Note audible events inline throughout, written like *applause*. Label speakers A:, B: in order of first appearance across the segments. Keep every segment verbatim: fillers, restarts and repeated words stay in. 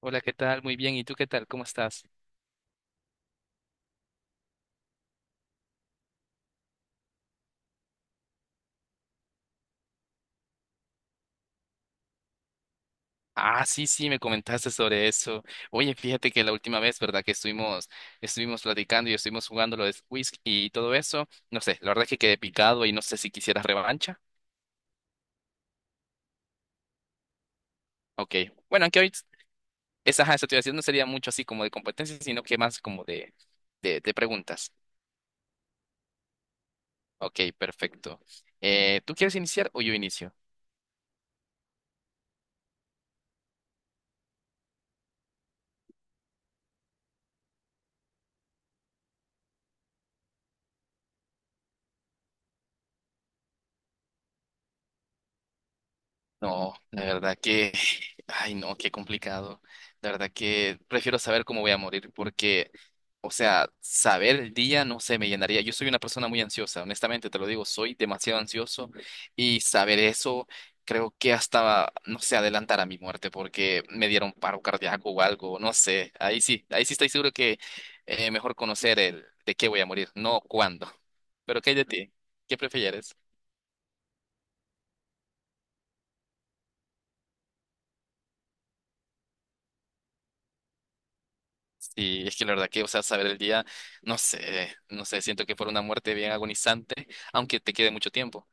A: Hola, ¿qué tal? Muy bien. ¿Y tú qué tal? ¿Cómo estás? Ah, sí, sí, me comentaste sobre eso. Oye, fíjate que la última vez, ¿verdad? Que estuvimos, estuvimos platicando y estuvimos jugando lo de Whisk y todo eso. No sé, la verdad es que quedé picado y no sé si quisieras revancha. Ok. Bueno, aunque hoy esa ajá, esa situación no sería mucho así como de competencia, sino que más como de, de, de preguntas. Ok, perfecto. Eh, ¿tú quieres iniciar o yo inicio? No, de verdad que, ay no, qué complicado. De verdad que prefiero saber cómo voy a morir porque, o sea, saber el día no sé, me llenaría. Yo soy una persona muy ansiosa, honestamente te lo digo, soy demasiado ansioso y saber eso creo que hasta, no sé, adelantar a mi muerte porque me dieron paro cardíaco o algo, no sé. Ahí sí, ahí sí estoy seguro que eh, mejor conocer el de qué voy a morir, no cuándo. Pero ¿qué hay de ti? ¿Qué prefieres? Sí, es que la verdad que, o sea, saber el día, no sé, no sé, siento que fue una muerte bien agonizante, aunque te quede mucho tiempo.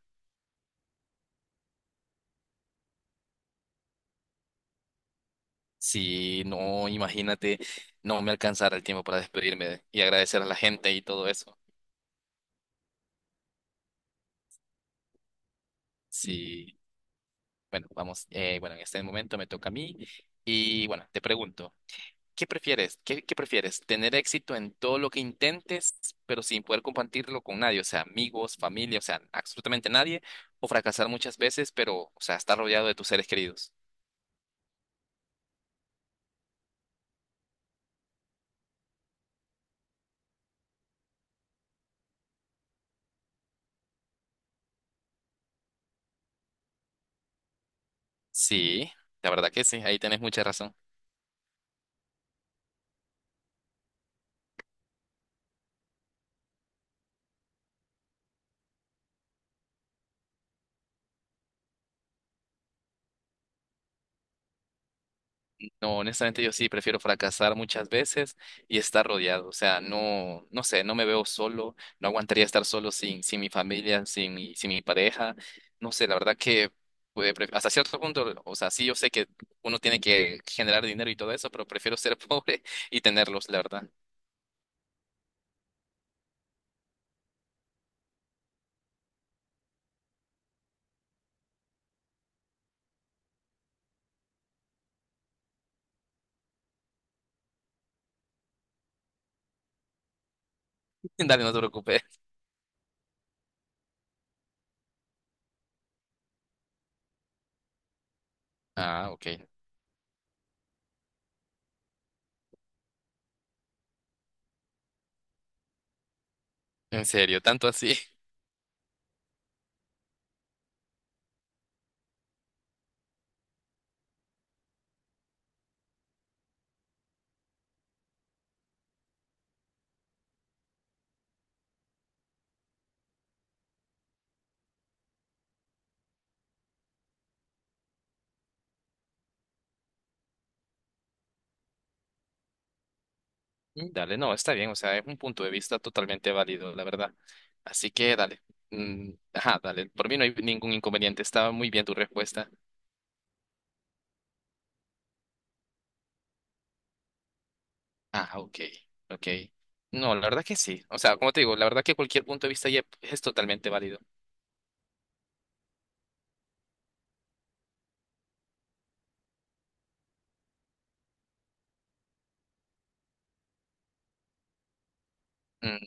A: Si no, imagínate, no me alcanzara el tiempo para despedirme y agradecer a la gente y todo eso. Sí, bueno, vamos, eh, bueno, en este momento me toca a mí y bueno, te pregunto, ¿qué prefieres? ¿Qué, qué prefieres? ¿Tener éxito en todo lo que intentes, pero sin poder compartirlo con nadie? O sea, amigos, familia, o sea, absolutamente nadie, o fracasar muchas veces, pero, o sea, estar rodeado de tus seres queridos. Sí, la verdad que sí, ahí tenés mucha razón. No, honestamente yo sí prefiero fracasar muchas veces y estar rodeado. O sea, no, no sé, no me veo solo, no aguantaría estar solo sin, sin mi familia, sin mi, sin mi pareja. No sé, la verdad que pues, pre- hasta cierto punto, o sea, sí yo sé que uno tiene que generar dinero y todo eso, pero prefiero ser *laughs* pobre y tenerlos, la verdad. *laughs* Dale, no te preocupes. Ah, ok. En serio, tanto así. Mm, dale, no, está bien, o sea, es un punto de vista totalmente válido, la verdad. Así que dale. Mm, ajá, dale, por mí no hay ningún inconveniente, estaba muy bien tu respuesta. Ah, ok, ok. No, la verdad que sí, o sea, como te digo, la verdad que cualquier punto de vista ya es totalmente válido. Mm,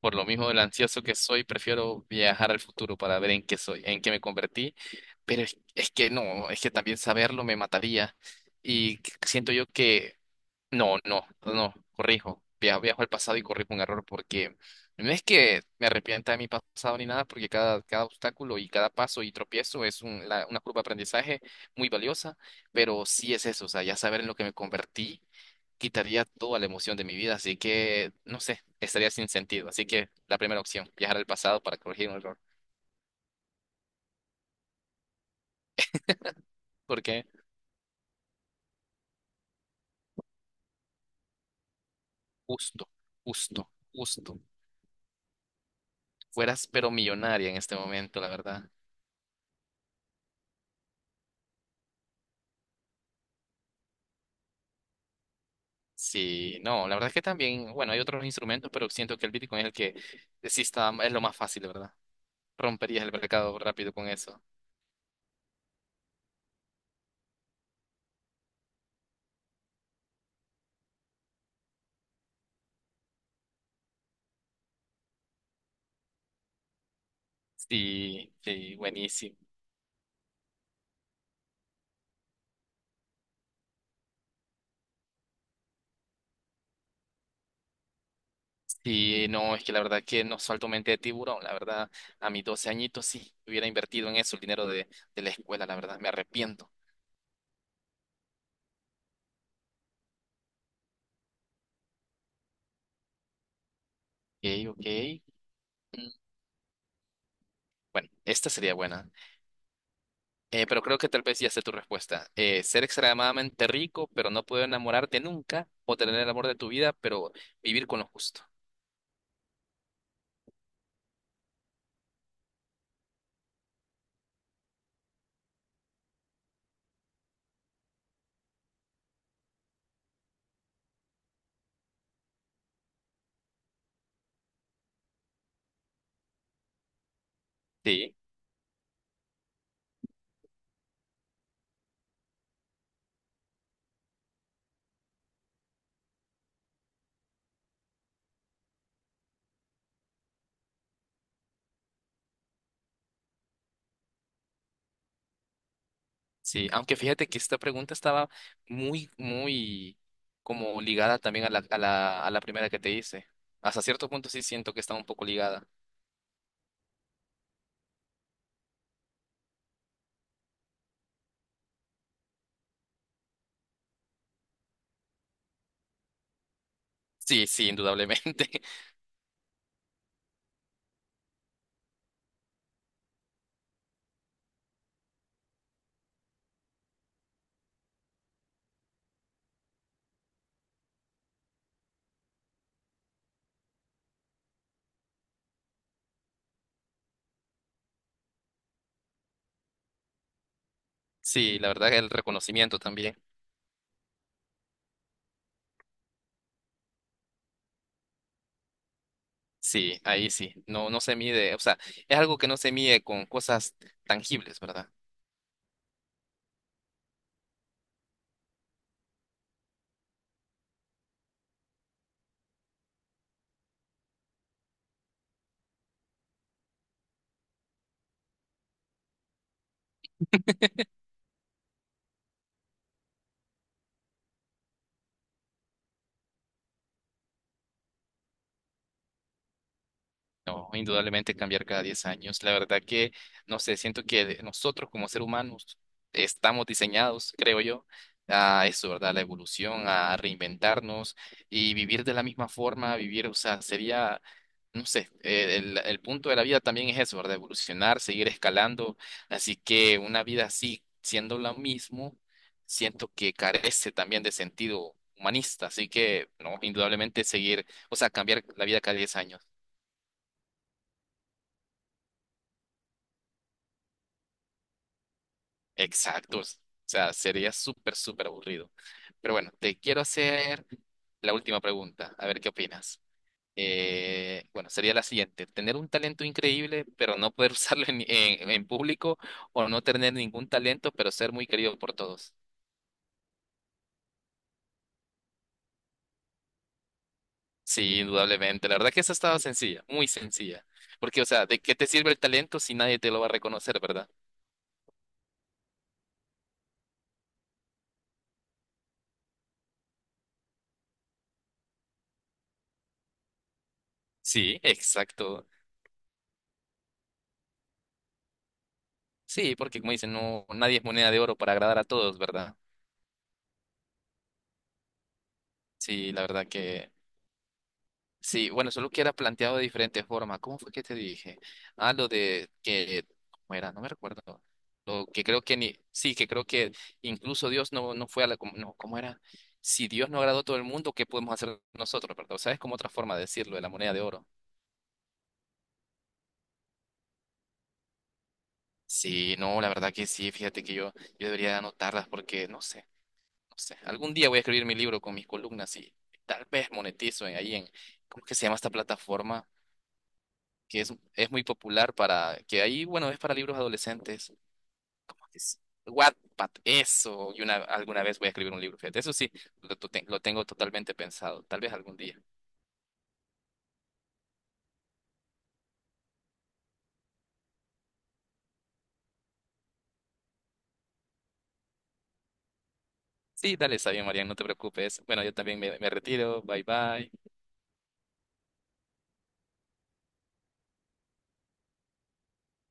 A: por lo mismo del ansioso que soy, prefiero viajar al futuro para ver en qué soy, en qué me convertí, pero es, es que no, es que también saberlo me mataría y siento yo que... No, no, no, no, corrijo. Via- Viajo al pasado y corrijo un error porque no es que me arrepienta de mi pasado ni nada, porque cada, cada obstáculo y cada paso y tropiezo es un- la- una curva de aprendizaje muy valiosa, pero sí es eso, o sea, ya saber en lo que me convertí quitaría toda la emoción de mi vida, así que, no sé, estaría sin sentido. Así que la primera opción, viajar al pasado para corregir un error, porque justo, justo, justo, fueras pero millonaria en este momento, la verdad. Sí, no, la verdad es que también, bueno, hay otros instrumentos, pero siento que el Bitcoin es el que eh, sí está, es lo más fácil, ¿verdad? Romperías el mercado rápido con eso. Sí, sí, buenísimo. Sí, no, es que la verdad que no salto mente de tiburón, la verdad, a mis doce añitos sí, hubiera invertido en eso el dinero de, de la escuela, la verdad, me arrepiento. Ok, ok. Mm, Bueno, esta sería buena. Eh, pero creo que tal vez ya sé tu respuesta. Eh, ser extremadamente rico, pero no poder enamorarte nunca, o tener el amor de tu vida, pero vivir con lo justo. Sí, sí. Aunque fíjate que esta pregunta estaba muy, muy como ligada también a la, a la, a la primera que te hice. Hasta cierto punto sí siento que está un poco ligada. Sí, sí, indudablemente. *laughs* Sí, la verdad que el reconocimiento también. Sí, ahí sí, no, no se mide, o sea, es algo que no se mide con cosas tangibles, ¿verdad? No, indudablemente cambiar cada diez años. La verdad que, no sé, siento que de- nosotros como seres humanos estamos diseñados, creo yo, a eso, ¿verdad? La evolución, a reinventarnos y vivir de la misma forma, vivir, o sea, sería, no sé, eh, el, el punto de la vida también es eso, ¿verdad? Evolucionar, seguir escalando. Así que una vida así, siendo lo mismo, siento que carece también de sentido humanista. Así que, no, indudablemente seguir, o sea, cambiar la vida cada diez años. Exactos. O sea, sería súper, súper aburrido. Pero bueno, te quiero hacer la última pregunta, a ver qué opinas. Eh, bueno, sería la siguiente. Tener un talento increíble, pero no poder *laughs* usarlo en, en- en público o no tener ningún talento, pero ser muy querido por todos. Sí, indudablemente. La verdad que esa estaba sencilla, muy sencilla. Porque, o sea, ¿de qué te sirve el talento si nadie te lo va a reconocer, verdad? Sí, exacto. Sí, porque como dicen, no, nadie es moneda de oro para agradar a todos, ¿verdad? Sí, la verdad que sí, bueno, solo que era planteado de diferente forma. ¿Cómo fue que te dije? Ah, lo de que, ¿cómo era? No me recuerdo. Lo que creo que ni, sí, que creo que incluso Dios no, no fue a la, com- no, ¿cómo era? Si Dios no agradó a todo el mundo, ¿qué podemos hacer nosotros, verdad? O sea, es como otra forma de decirlo, de la moneda de oro. Sí, no, la verdad que sí, fíjate que yo, yo, debería de anotarlas porque, no sé, no sé. Algún día voy a escribir mi libro con mis columnas y tal vez monetizo en, ahí en, ¿cómo que se llama esta plataforma? Que es, es muy popular para, que ahí, bueno, es para libros adolescentes. ¿Cómo que es? Wattpad, eso. Y una, alguna vez voy a escribir un libro, fíjate. Eso sí, lo, to- te- lo tengo totalmente pensado. Tal vez algún día. Sí, dale, está bien, Marian, no te preocupes. Bueno, yo también me, me retiro. Bye bye.